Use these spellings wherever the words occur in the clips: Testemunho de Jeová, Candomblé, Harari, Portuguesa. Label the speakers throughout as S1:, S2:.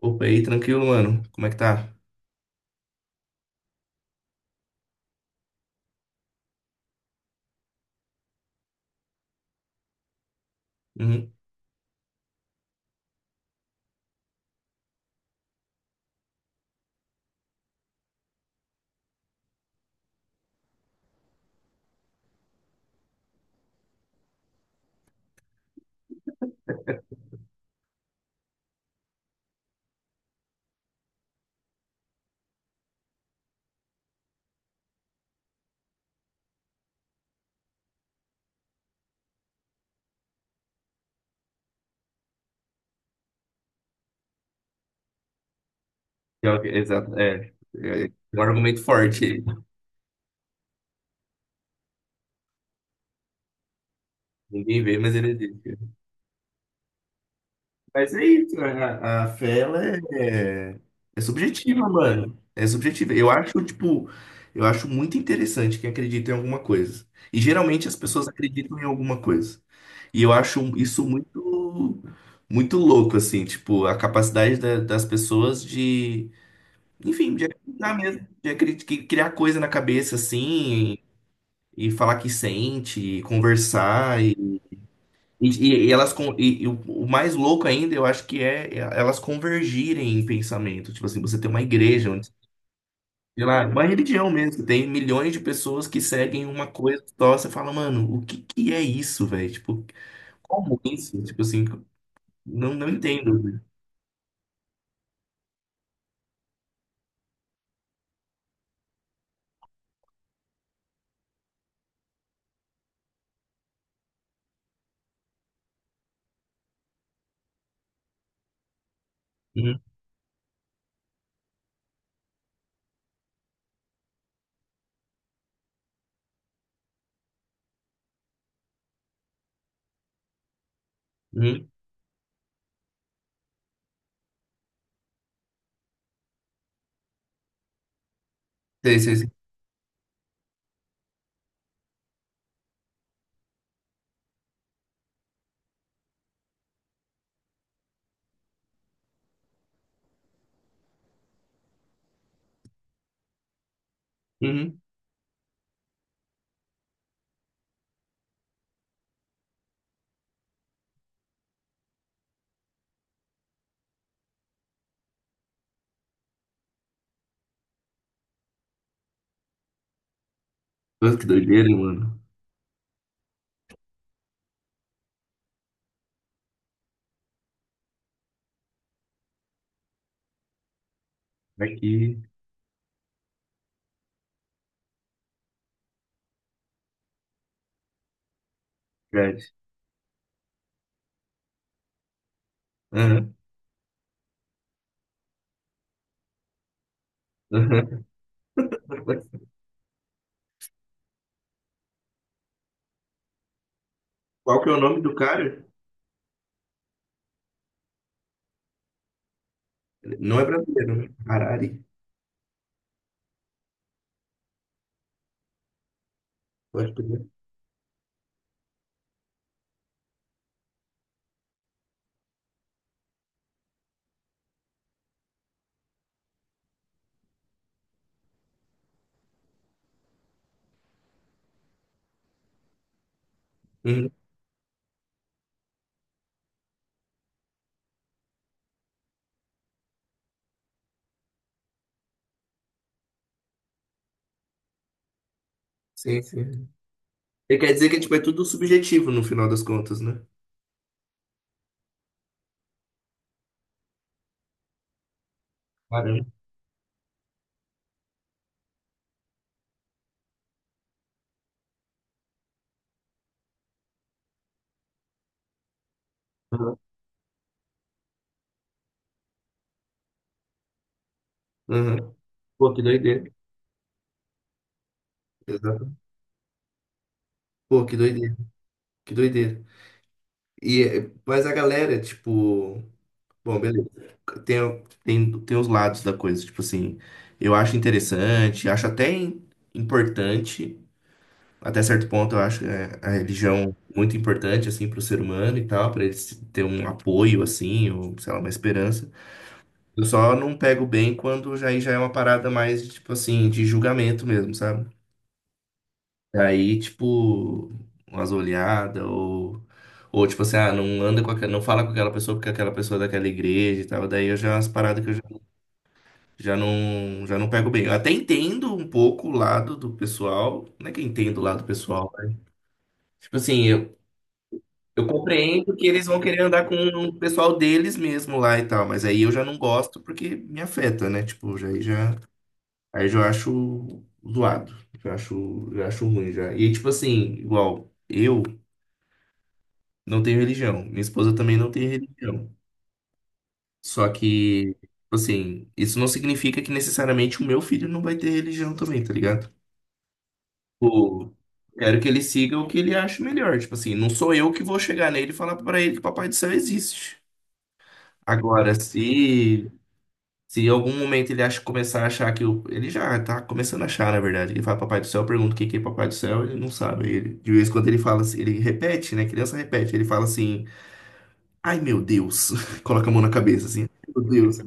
S1: Opa, e aí, tranquilo, mano? Como é que tá? Uhum. Exato, é. É um argumento forte aí. Ninguém vê, mas ele existe. Mas é isso, né? A fé, ela é, é, é subjetiva, mano. É subjetiva. Eu acho, tipo, eu acho muito interessante quem acredita em alguma coisa. E geralmente as pessoas acreditam em alguma coisa. E eu acho isso muito, muito louco, assim, tipo, a capacidade das pessoas de de acreditar mesmo, criar coisa na cabeça assim, e falar que sente, e conversar, e, e o mais louco ainda, eu acho que é elas convergirem em pensamento. Tipo assim, você tem uma igreja, onde, sei lá, uma religião mesmo, tem milhões de pessoas que seguem uma coisa só, você fala, mano, o que que é isso, velho? Tipo, como isso? Tipo assim, não entendo. Uhum, uhum. Sei, sei, sei. Uhum. Nossa, que doideira, mano. Aqui, verdade. Aham. Qual que é o nome do cara? Ele não é brasileiro, né? Harari. Eu acho que ele é. Uhum. Sim, sim. Ele quer dizer que tipo, é tudo subjetivo no final das contas, né? Caramba. Uhum. Uhum. Pô, que doideira. Exato. Pô, que doideira. Que doideira. E, é, mas a galera, tipo. Bom, beleza. Tem, tem, tem os lados da coisa. Tipo assim, eu acho interessante, importante. Até certo ponto, eu acho é, a religião muito importante, assim, para o ser humano e tal, para ele se- ter um apoio, assim, ou, sei lá, uma esperança. Eu só não pego bem quando já, aí já é uma parada mais, tipo assim, de julgamento mesmo, sabe? Aí, tipo, umas olhadas, ou tipo assim, ah, não anda com aquela, não fala com aquela pessoa porque aquela pessoa é daquela igreja e tal. Daí eu já, as paradas que eu já, já não pego bem. Eu até entendo um pouco o lado do pessoal, não é que eu entendo o lado pessoal, né? Tipo assim, eu compreendo que eles vão querer andar com o pessoal deles mesmo lá e tal, mas aí eu já não gosto porque me afeta, né? Tipo, já, aí já, aí já acho zoado, já acho ruim já. E tipo assim, igual, eu não tenho religião, minha esposa também não tem religião. Só que, tipo assim, isso não significa que necessariamente o meu filho não vai ter religião também, tá ligado? Tipo, quero que ele siga o que ele acha melhor. Tipo assim, não sou eu que vou chegar nele e falar pra ele que o Papai do Céu existe. Agora, se se em algum momento ele acha, começar a achar que o. Ele já tá começando a achar, na verdade. Ele fala Papai do Céu, pergunta o que que é Papai do Céu, ele não sabe. Ele, de vez em quando ele fala assim, ele repete, né? Criança repete, ele fala assim, ai meu Deus. Coloca a mão na cabeça assim, meu Deus.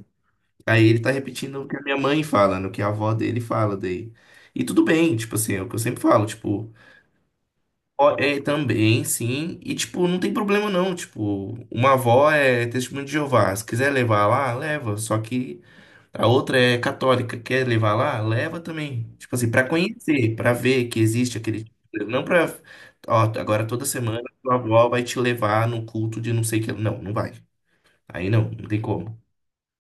S1: Aí ele tá repetindo o que a minha mãe fala, no que a avó dele fala daí. E tudo bem, tipo assim, é o que eu sempre falo, tipo, ó, é também, sim. E tipo, não tem problema não. Tipo, uma avó é testemunho de Jeová. Se quiser levar lá, leva. Só que. A outra é católica, quer levar lá? Leva também. Tipo assim, pra conhecer, pra ver que existe aquele. Coisa. Não pra. Ó, agora toda semana tua avó vai te levar no culto de não sei o que. Não, não vai. Aí não, não tem como.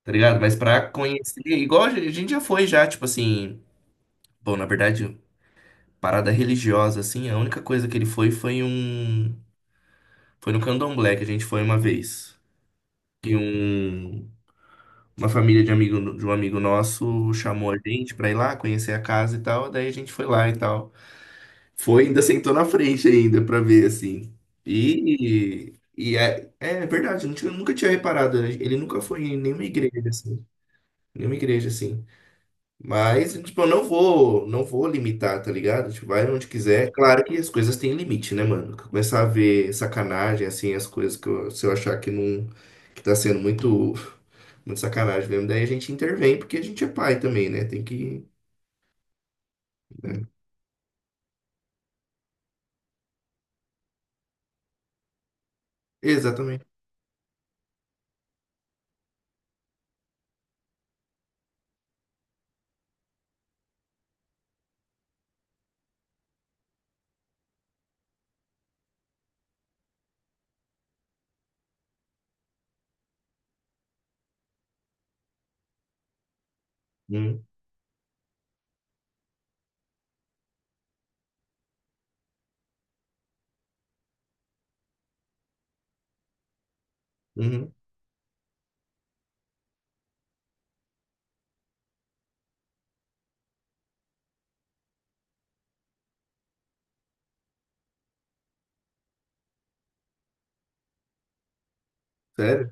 S1: Tá ligado? Mas pra conhecer, igual a gente já foi já, tipo assim. Bom, na verdade, parada religiosa, assim, a única coisa que ele foi foi um. Foi no Candomblé que a gente foi uma vez. E um. Uma família de amigo de um amigo nosso chamou a gente pra ir lá conhecer a casa e tal, daí a gente foi lá e tal. Foi, ainda sentou na frente ainda pra ver assim. E é, é verdade, eu nunca tinha reparado, né? Ele nunca foi em nenhuma igreja assim, nenhuma igreja assim. Mas, tipo, eu não vou, não vou limitar, tá ligado? Tipo, vai onde quiser. Claro que as coisas têm limite, né, mano? Começar a ver sacanagem, assim, as coisas que eu, se eu achar que não, que tá sendo muito, muito sacanagem mesmo, daí a gente intervém, porque a gente é pai também, né? Tem que, né? Exatamente. Uhum, uhum. Sério?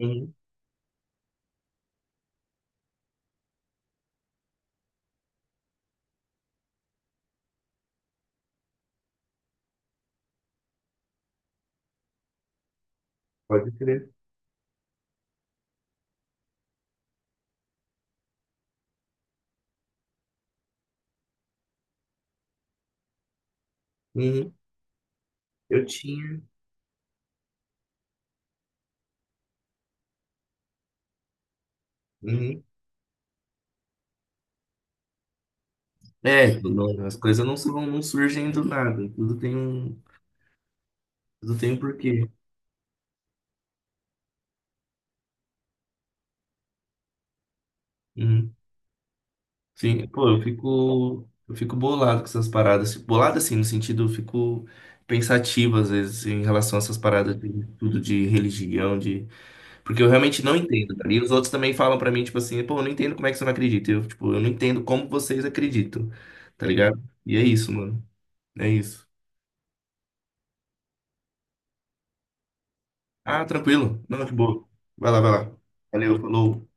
S1: Uhum. Pode crer. Uhum. Eu tinha. Uhum. É, tipo, as coisas não surgem do nada. Tudo tem um porquê. Uhum. Sim, pô, eu fico bolado com essas paradas. Assim, bolado assim, no sentido, eu fico pensativo às vezes assim, em relação a essas paradas de tudo de religião, de. Porque eu realmente não entendo, tá? E os outros também falam pra mim, tipo assim, pô, eu não entendo como é que você não acredita. Eu, tipo, eu não entendo como vocês acreditam, tá ligado? E é isso, mano. É isso. Ah, tranquilo. Não, de boa. Vai lá, vai lá. Valeu, falou.